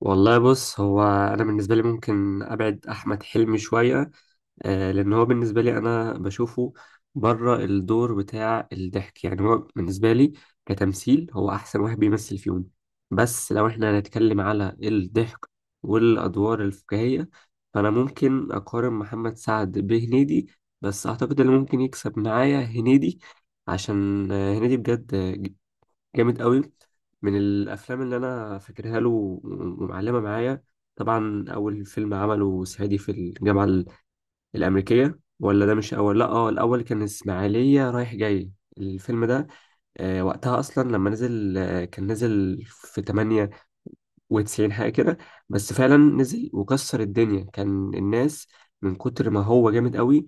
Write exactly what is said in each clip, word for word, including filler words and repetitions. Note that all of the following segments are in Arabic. والله بص، هو انا بالنسبه لي ممكن ابعد احمد حلمي شويه. آه، لان هو بالنسبه لي انا بشوفه بره الدور بتاع الضحك. يعني هو بالنسبه لي كتمثيل هو احسن واحد بيمثل فيهم، بس لو احنا هنتكلم على الضحك والادوار الفكاهيه، فانا ممكن اقارن محمد سعد بهنيدي. بس اعتقد اللي ممكن يكسب معايا هنيدي، عشان آه، هنيدي بجد آه، جامد قوي. من الافلام اللي انا فاكرها له ومعلمه معايا، طبعا اول فيلم عمله صعيدي في الجامعه ال- الامريكيه. ولا ده مش اول، لا اه، الاول كان اسماعيليه رايح جاي، الفيلم ده. آه، وقتها اصلا لما نزل آه، كان نزل في تمانية وتسعين حاجه كده. بس فعلا نزل وكسر الدنيا، كان الناس من كتر ما هو جامد قوي،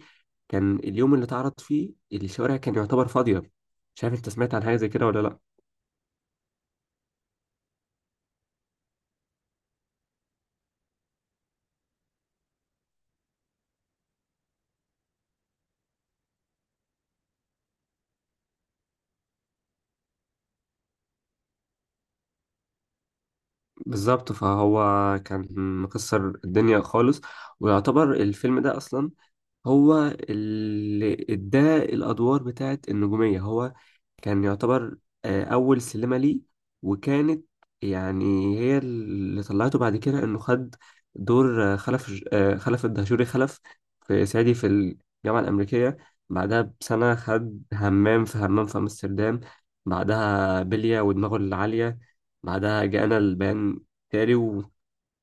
كان اليوم اللي اتعرض فيه الشوارع كان يعتبر فاضيه. مش عارف انت سمعت عن حاجه زي كده ولا لا. بالظبط، فهو كان مكسر الدنيا خالص، ويعتبر الفيلم ده اصلا هو اللي اداه الادوار بتاعت النجوميه. هو كان يعتبر آه، اول سلمه ليه، وكانت يعني هي اللي طلعته بعد كده، انه خد دور آه، خلف آه، خلف الدهشوري خلف في صعيدي في الجامعه الامريكيه. بعدها بسنه خد همام في همام في امستردام، بعدها بلية ودماغه العاليه، بعدها جاءنا البيان تاري،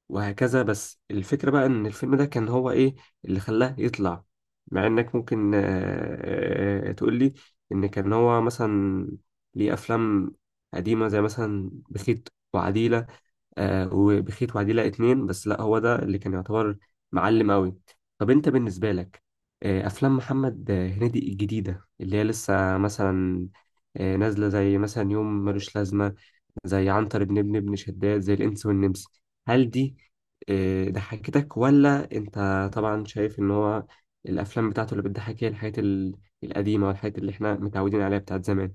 وهكذا. بس الفكرة بقى، إن الفيلم ده كان هو إيه اللي خلاه يطلع، مع إنك ممكن آه، آه، تقول لي إن كان هو مثلا ليه أفلام قديمة زي مثلا بخيت وعديلة، آه، وبخيت وعديلة اتنين، بس لأ، هو ده اللي كان يعتبر معلم أوي. طب أنت بالنسبة لك، آه، أفلام محمد آه، هنيدي الجديدة اللي هي لسه مثلا آه، نازلة، زي مثلا يوم ملوش لازمة، زي عنتر بن ابن ابن شداد، زي الإنس والنمس، هل دي آه، ضحكتك، ولا أنت طبعا شايف إن هو الأفلام بتاعته اللي بتضحك هي الحاجات ال- القديمة والحاجات اللي إحنا متعودين عليها بتاعت زمان؟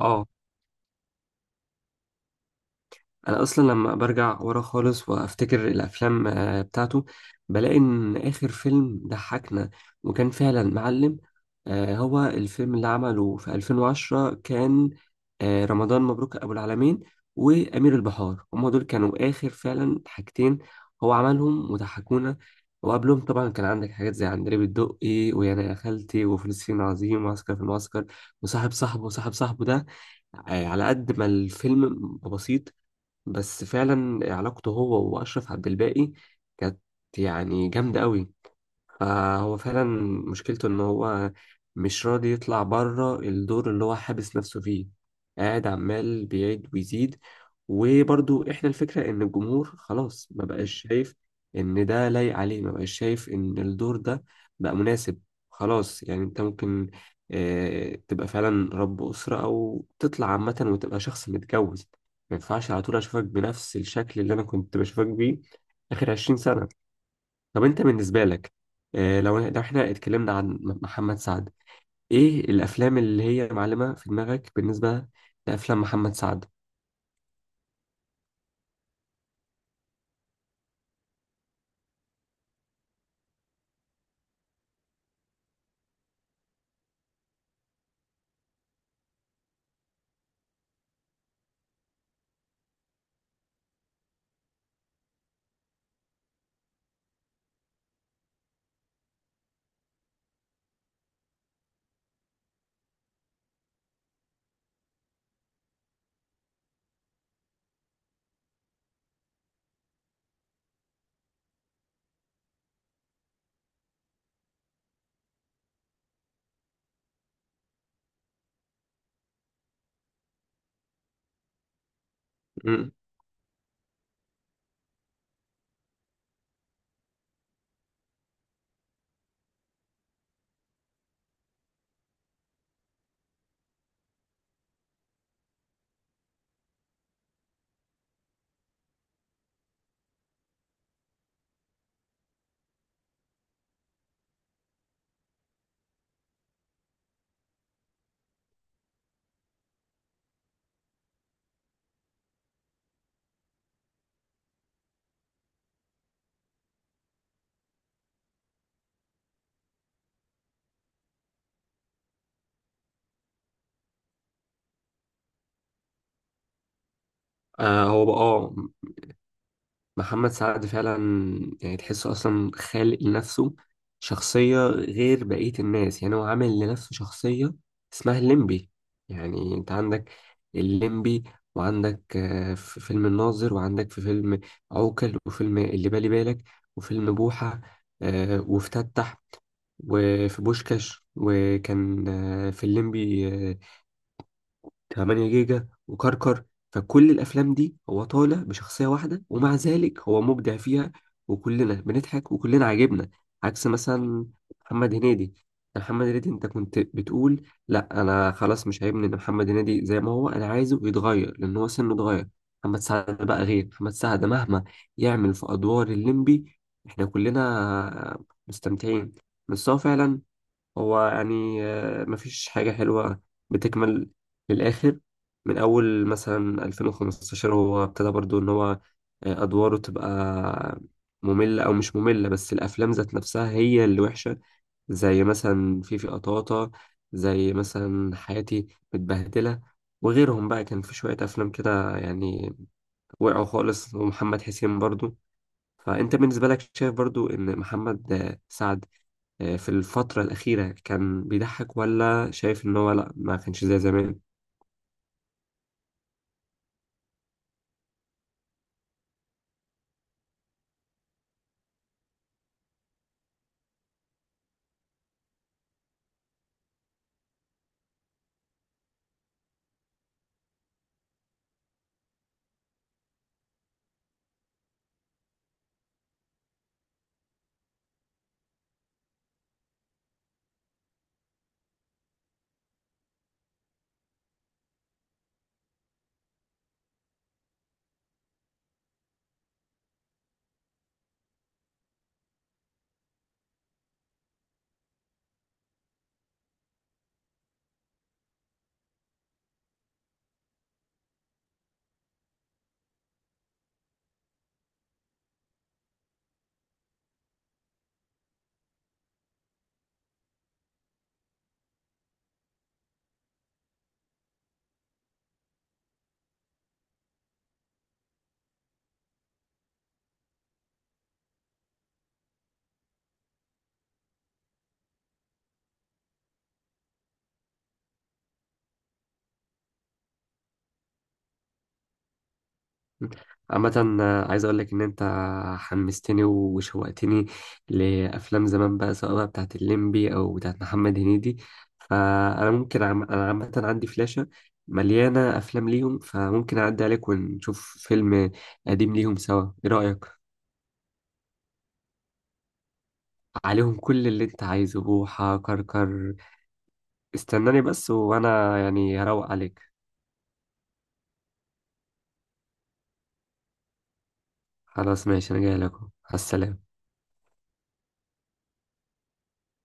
اه، انا اصلا لما برجع ورا خالص وافتكر الافلام آه، بتاعته، بلاقي ان اخر فيلم ضحكنا وكان فعلا معلم آه، هو الفيلم اللي عمله في ألفين وعشرة، كان آه، رمضان مبروك ابو العالمين وامير البحار. هما دول كانوا اخر فعلا حاجتين هو عملهم وضحكونا. وقبلهم طبعا كان عندك حاجات زي عندليب الدقي ويانا يا خالتي وفلسطين عظيم وعسكر في المعسكر وصاحب صاحبه. وصاحب صاحبه ده، آه، على قد ما الفيلم بسيط، بس فعلا علاقته هو واشرف عبد الباقي كانت يعني جامده قوي. فهو فعلا مشكلته ان هو مش راضي يطلع بره الدور اللي هو حابس نفسه فيه، قاعد عمال بيعيد ويزيد. وبرضو احنا الفكرة ان الجمهور خلاص ما بقاش شايف ان ده لايق عليه، ما بقاش شايف ان الدور ده بقى مناسب. خلاص يعني، انت ممكن آه، تبقى فعلا رب أسرة او تطلع عامة وتبقى شخص متجوز، ما ينفعش على طول اشوفك بنفس الشكل اللي انا كنت بشوفك بيه اخر عشرين سنة. طب انت بالنسبة لك، آه، لو لو احنا اتكلمنا عن م- محمد سعد، ايه الافلام اللي هي معلمة في دماغك بالنسبة لافلام محمد سعد؟ مم. آه، هو بقى اه، محمد سعد فعلا يعني تحسه اصلا خالق لنفسه شخصية غير بقية الناس. يعني هو عامل لنفسه شخصية اسمها الليمبي. يعني انت عندك الليمبي، وعندك آه، في فيلم الناظر، وعندك في فيلم عوكل، وفيلم اللي بالي بالك، وفيلم بوحة آه، وافتتح، وفي بوشكاش، وكان آه، في الليمبي آه، ثمانية جيجا وكركر. فكل الافلام دي هو طالع بشخصيه واحده، ومع ذلك هو مبدع فيها، وكلنا بنضحك وكلنا عاجبنا. عكس مثلا محمد هنيدي. محمد هنيدي انت كنت بتقول، لا انا خلاص مش عاجبني ان محمد هنيدي زي ما هو، انا عايزه يتغير لان هو سنه اتغير. محمد سعد بقى غير، محمد سعد مهما يعمل في ادوار الليمبي احنا كلنا مستمتعين. بس هو فعلا هو يعني آه، مفيش حاجة حلوة بتكمل للآخر. من أول مثلا ألفين وخمستاشر هو ابتدى برضو إن هو آه، أدواره تبقى مملة أو مش مملة، بس الأفلام ذات نفسها هي اللي وحشة، زي مثلا فيفي قطاطا، زي مثلا حياتي متبهدلة، وغيرهم بقى. كان في شوية أفلام كده يعني وقعوا خالص، ومحمد حسين برضو. فأنت بالنسبة لك شايف برضو إن محمد آه، سعد آه، في الفترة الأخيرة كان بيضحك، ولا شايف إن هو لأ ما كانش زي زمان؟ عامة آه، عايز أقول لك إن أنت حمستني وشوقتني لأفلام زمان بقى، سواء بقى بتاعت الليمبي أو بتاعت محمد هنيدي. فأنا ممكن عم... أنا عامة عندي فلاشة مليانة أفلام ليهم، فممكن أعدي عليك ونشوف فيلم قديم ليهم سوا. إيه رأيك؟ عليهم كل اللي أنت عايزه، بوحة كركر. استناني بس، وأنا يعني هروق عليك. خلاص ماشي، انا جاي لكم على السلامة.